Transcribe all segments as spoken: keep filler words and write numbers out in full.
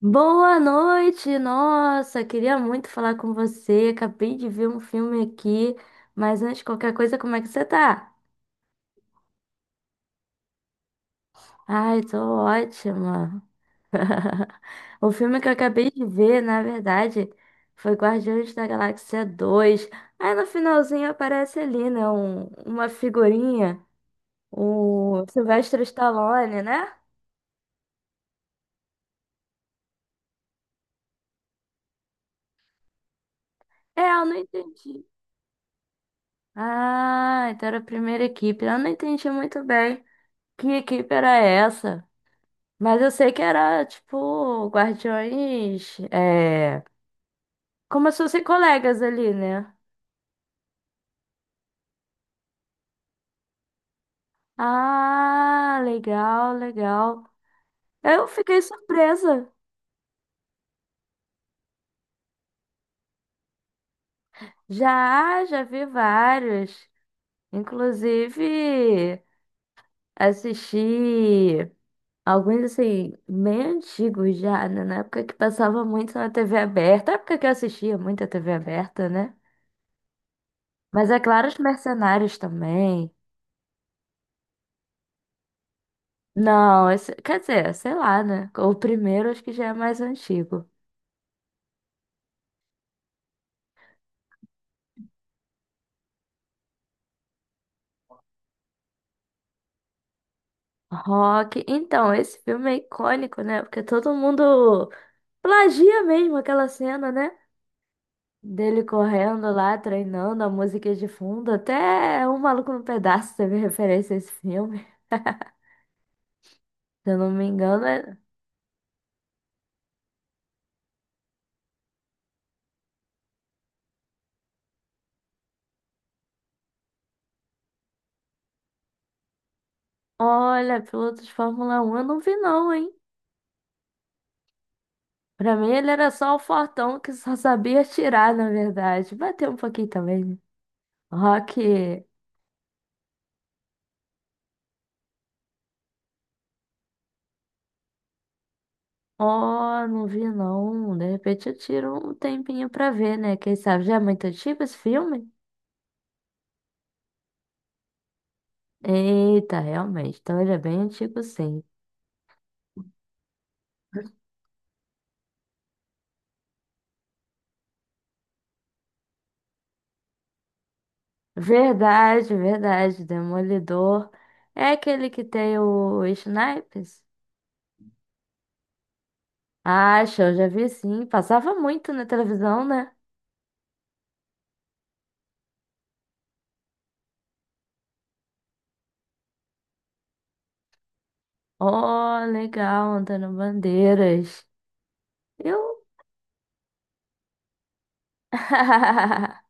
Boa noite, nossa, queria muito falar com você. Acabei de ver um filme aqui, mas antes de qualquer coisa, como é que você tá? Ai, tô ótima. O filme que eu acabei de ver, na verdade, foi Guardiões da Galáxia dois. Aí no finalzinho aparece ali, né, um- uma figurinha, o Sylvester Stallone, né? É, eu não entendi. Ah, então era a primeira equipe. Eu não entendi muito bem que equipe era essa. Mas eu sei que era, tipo, guardiões. É... Como se fossem colegas ali, né? Ah, legal, legal. Eu fiquei surpresa. Já, já vi vários. Inclusive, assisti alguns, assim, meio antigos já, né? Na época que passava muito na T V aberta. Na época que eu assistia muito a T V aberta, né? Mas é claro, os mercenários também. Não, esse- quer dizer, sei lá, né? O primeiro acho que já é mais antigo. Rock. Então, esse filme é icônico, né? Porque todo mundo plagia mesmo aquela cena, né? Dele correndo lá, treinando a música de fundo. Até O Maluco no Pedaço teve referência a esse filme. Se eu não me engano, é... Olha, piloto de Fórmula um, eu não vi não, hein? Pra mim ele era só o fortão que só sabia tirar, na verdade. Bateu um pouquinho também, né? Rock. Ó, não vi não. De repente eu tiro um tempinho pra ver, né? Quem sabe já é muito antigo esse filme? Eita, realmente. Então ele é bem antigo, sim. Verdade, verdade. Demolidor. É aquele que tem o Snipes? Acho, eu já vi sim. Passava muito na televisão, né? Ó, legal, Antônio Bandeiras. Eu.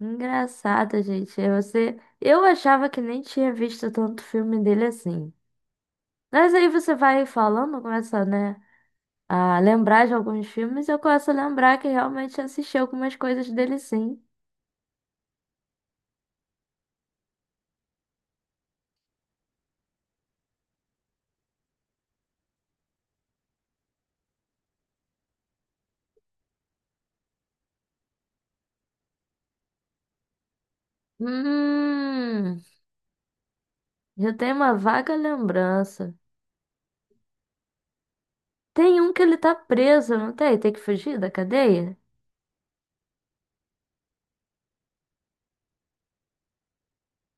Engraçado, gente. Você... Eu achava que nem tinha visto tanto filme dele assim. Mas aí você vai falando, começa, né, a lembrar de alguns filmes, e eu começo a lembrar que realmente assisti algumas coisas dele sim. Hum, já tem uma vaga lembrança. Tem um que ele tá preso, não tem? Tem que fugir da cadeia?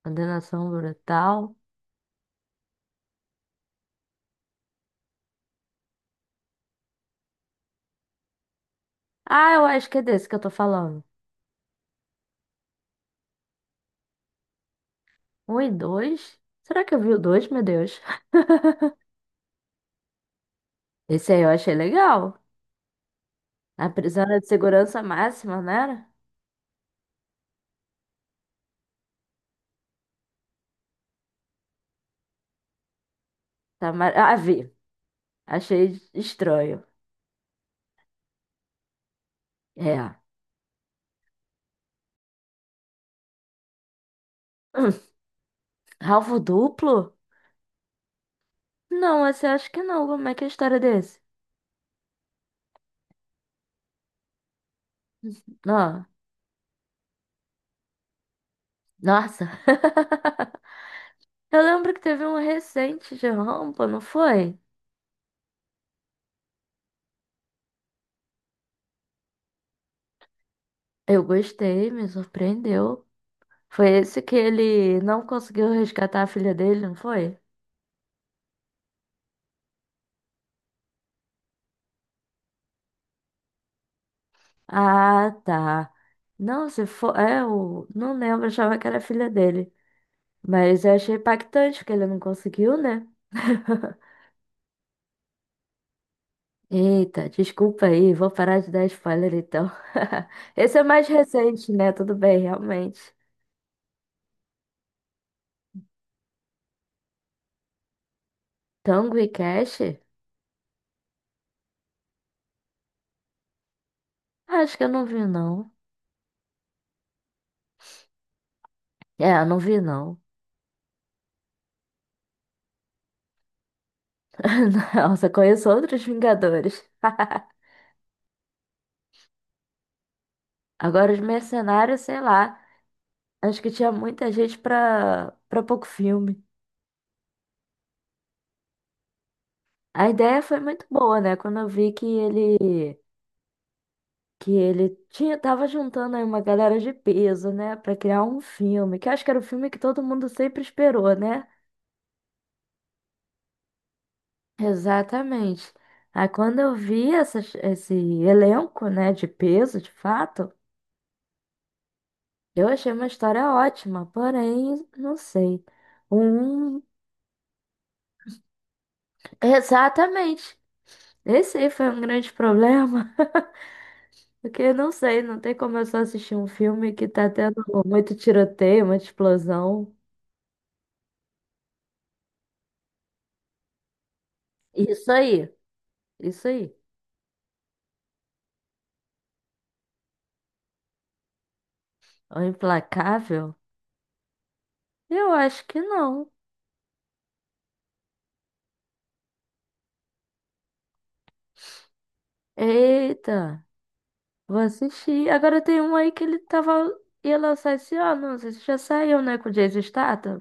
Condenação brutal. Ah, eu acho que é desse que eu tô falando. Um e dois? Será que eu vi o dois, meu Deus? Esse aí eu achei legal. A prisão era de segurança máxima, não era? Tá mar... Ah, vi. Achei estranho. É. Hum, alvo duplo? Não, esse eu acho que não. Como é que é a história desse? Não. Nossa, eu lembro que teve um recente de rampa, não foi? Eu gostei, me surpreendeu. Foi esse que ele não conseguiu resgatar a filha dele, não foi? Ah, tá. Não, se for. É, eu não lembro, achava que era a filha dele. Mas eu achei impactante, porque ele não conseguiu, né? Eita, desculpa aí, vou parar de dar spoiler então. Esse é mais recente, né? Tudo bem, realmente. Tango e Cash? Acho que eu não vi, não. É, eu não vi, não. Nossa, conheço outros Vingadores. Agora, os Mercenários, sei lá. Acho que tinha muita gente pra, pra pouco filme. A ideia foi muito boa, né? Quando eu vi que ele. Que ele tinha, tava juntando aí uma galera de peso, né? Pra criar um filme. Que eu acho que era o filme que todo mundo sempre esperou, né? Exatamente. Aí quando eu vi essas- esse elenco, né, de peso, de fato, eu achei uma história ótima, porém, não sei. Um... Exatamente. Esse aí foi um grande problema, porque não sei, não tem como eu só assistir um filme que tá tendo muito tiroteio, muita explosão. Isso aí, isso aí. É O Implacável? Eu acho que não. Eita. Vou assistir. Agora tem um aí que ele tava... ia lançar esse ano. Não sei se já saiu, né? Com o Jason Statham.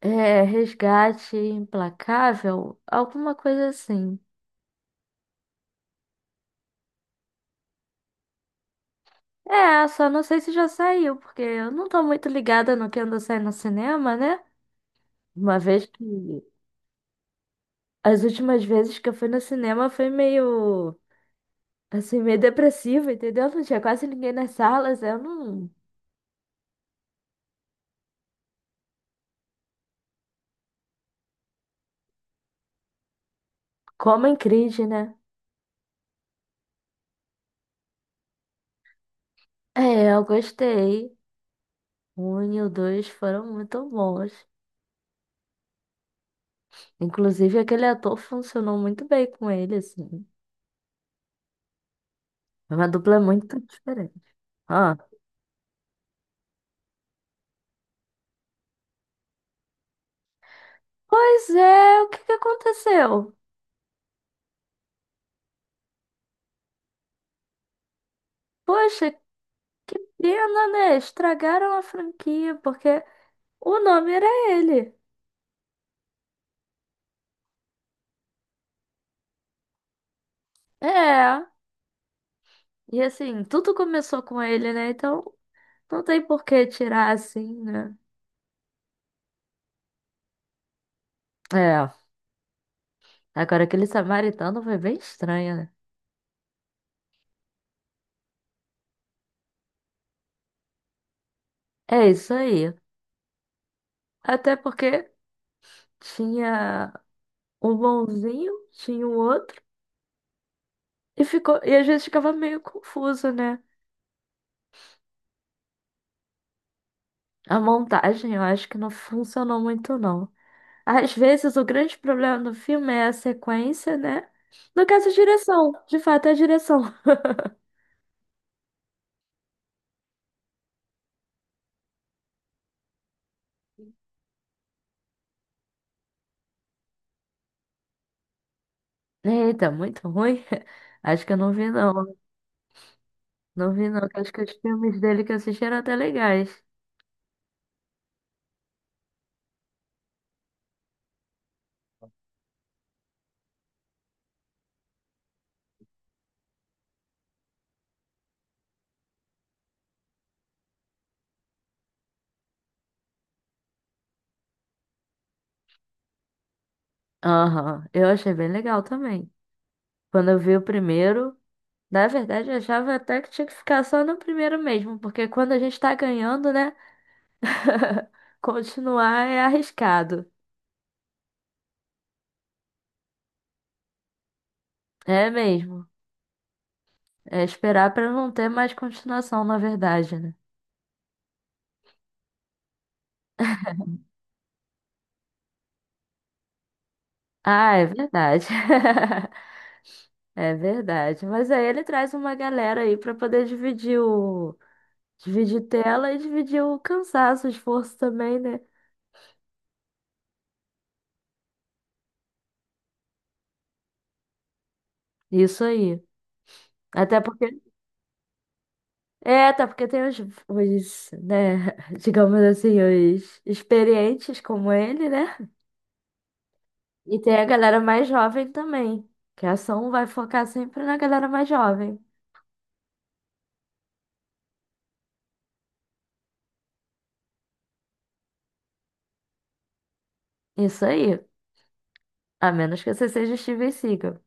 É, Resgate Implacável, alguma coisa assim. É, só não sei se já saiu, porque eu não tô muito ligada no que anda saindo no cinema, né? Uma vez que. As últimas vezes que eu fui no cinema foi meio. Assim, meio depressivo, entendeu? Não tinha quase ninguém nas salas, eu não. Como em crise, né? É, eu gostei. O Um e o dois foram muito bons. Inclusive, aquele ator funcionou muito bem com ele, assim. É Uma dupla muito diferente. Ah, pois é, o que que aconteceu? Poxa, que pena, né? Estragaram a franquia, porque o nome era ele. É, e assim, tudo começou com ele, né? Então, não tem por que tirar assim, né? É, agora aquele samaritano foi bem estranho, né? É isso aí. Até porque tinha um bonzinho, tinha o outro. E ficou, e às vezes ficava meio confuso, né? A montagem eu acho que não funcionou muito, não. Às vezes o grande problema do filme é a sequência, né? No caso, a direção. De fato, é a direção. Eita, muito ruim. Acho que eu não vi, não. Não vi, não. Acho que os filmes dele que eu assisti eram até legais. Aham, eu achei bem legal também. Quando eu vi o primeiro, na verdade, eu achava até que tinha que ficar só no primeiro mesmo, porque quando a gente tá ganhando, né? Continuar é arriscado. É mesmo. É esperar pra não ter mais continuação, na verdade, né? Ah, é verdade. É verdade. Mas aí ele traz uma galera aí pra poder dividir o dividir tela e dividir o cansaço, o esforço também, né? Isso aí. Até porque é, até porque tem os, os, né, digamos assim, os experientes como ele, né? E tem a galera mais jovem também, que a ação vai focar sempre na galera mais jovem. Isso aí. A menos que você seja Steven Seagal.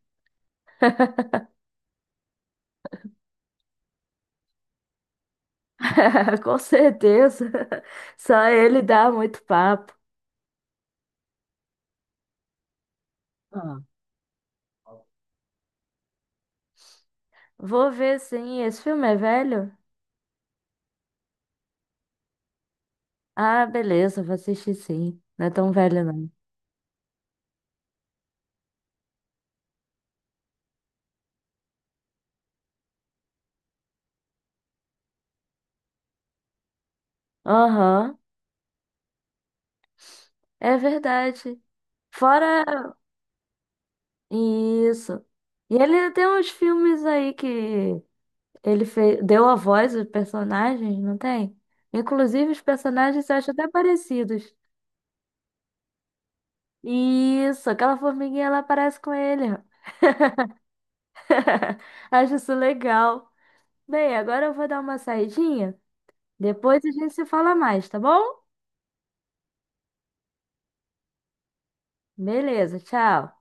Com certeza. Só ele dá muito papo. Ah. Vou ver sim. Esse filme é velho? Ah, beleza, vou assistir sim. Não é tão velho, não. Aham, é verdade. Fora isso. E ele tem uns filmes aí que ele fez, deu a voz aos personagens, não tem? Inclusive, os personagens eu acho até parecidos. Isso, aquela formiguinha lá parece com ele. Acho isso legal. Bem, agora eu vou dar uma saidinha. Depois a gente se fala mais, tá bom? Beleza, tchau.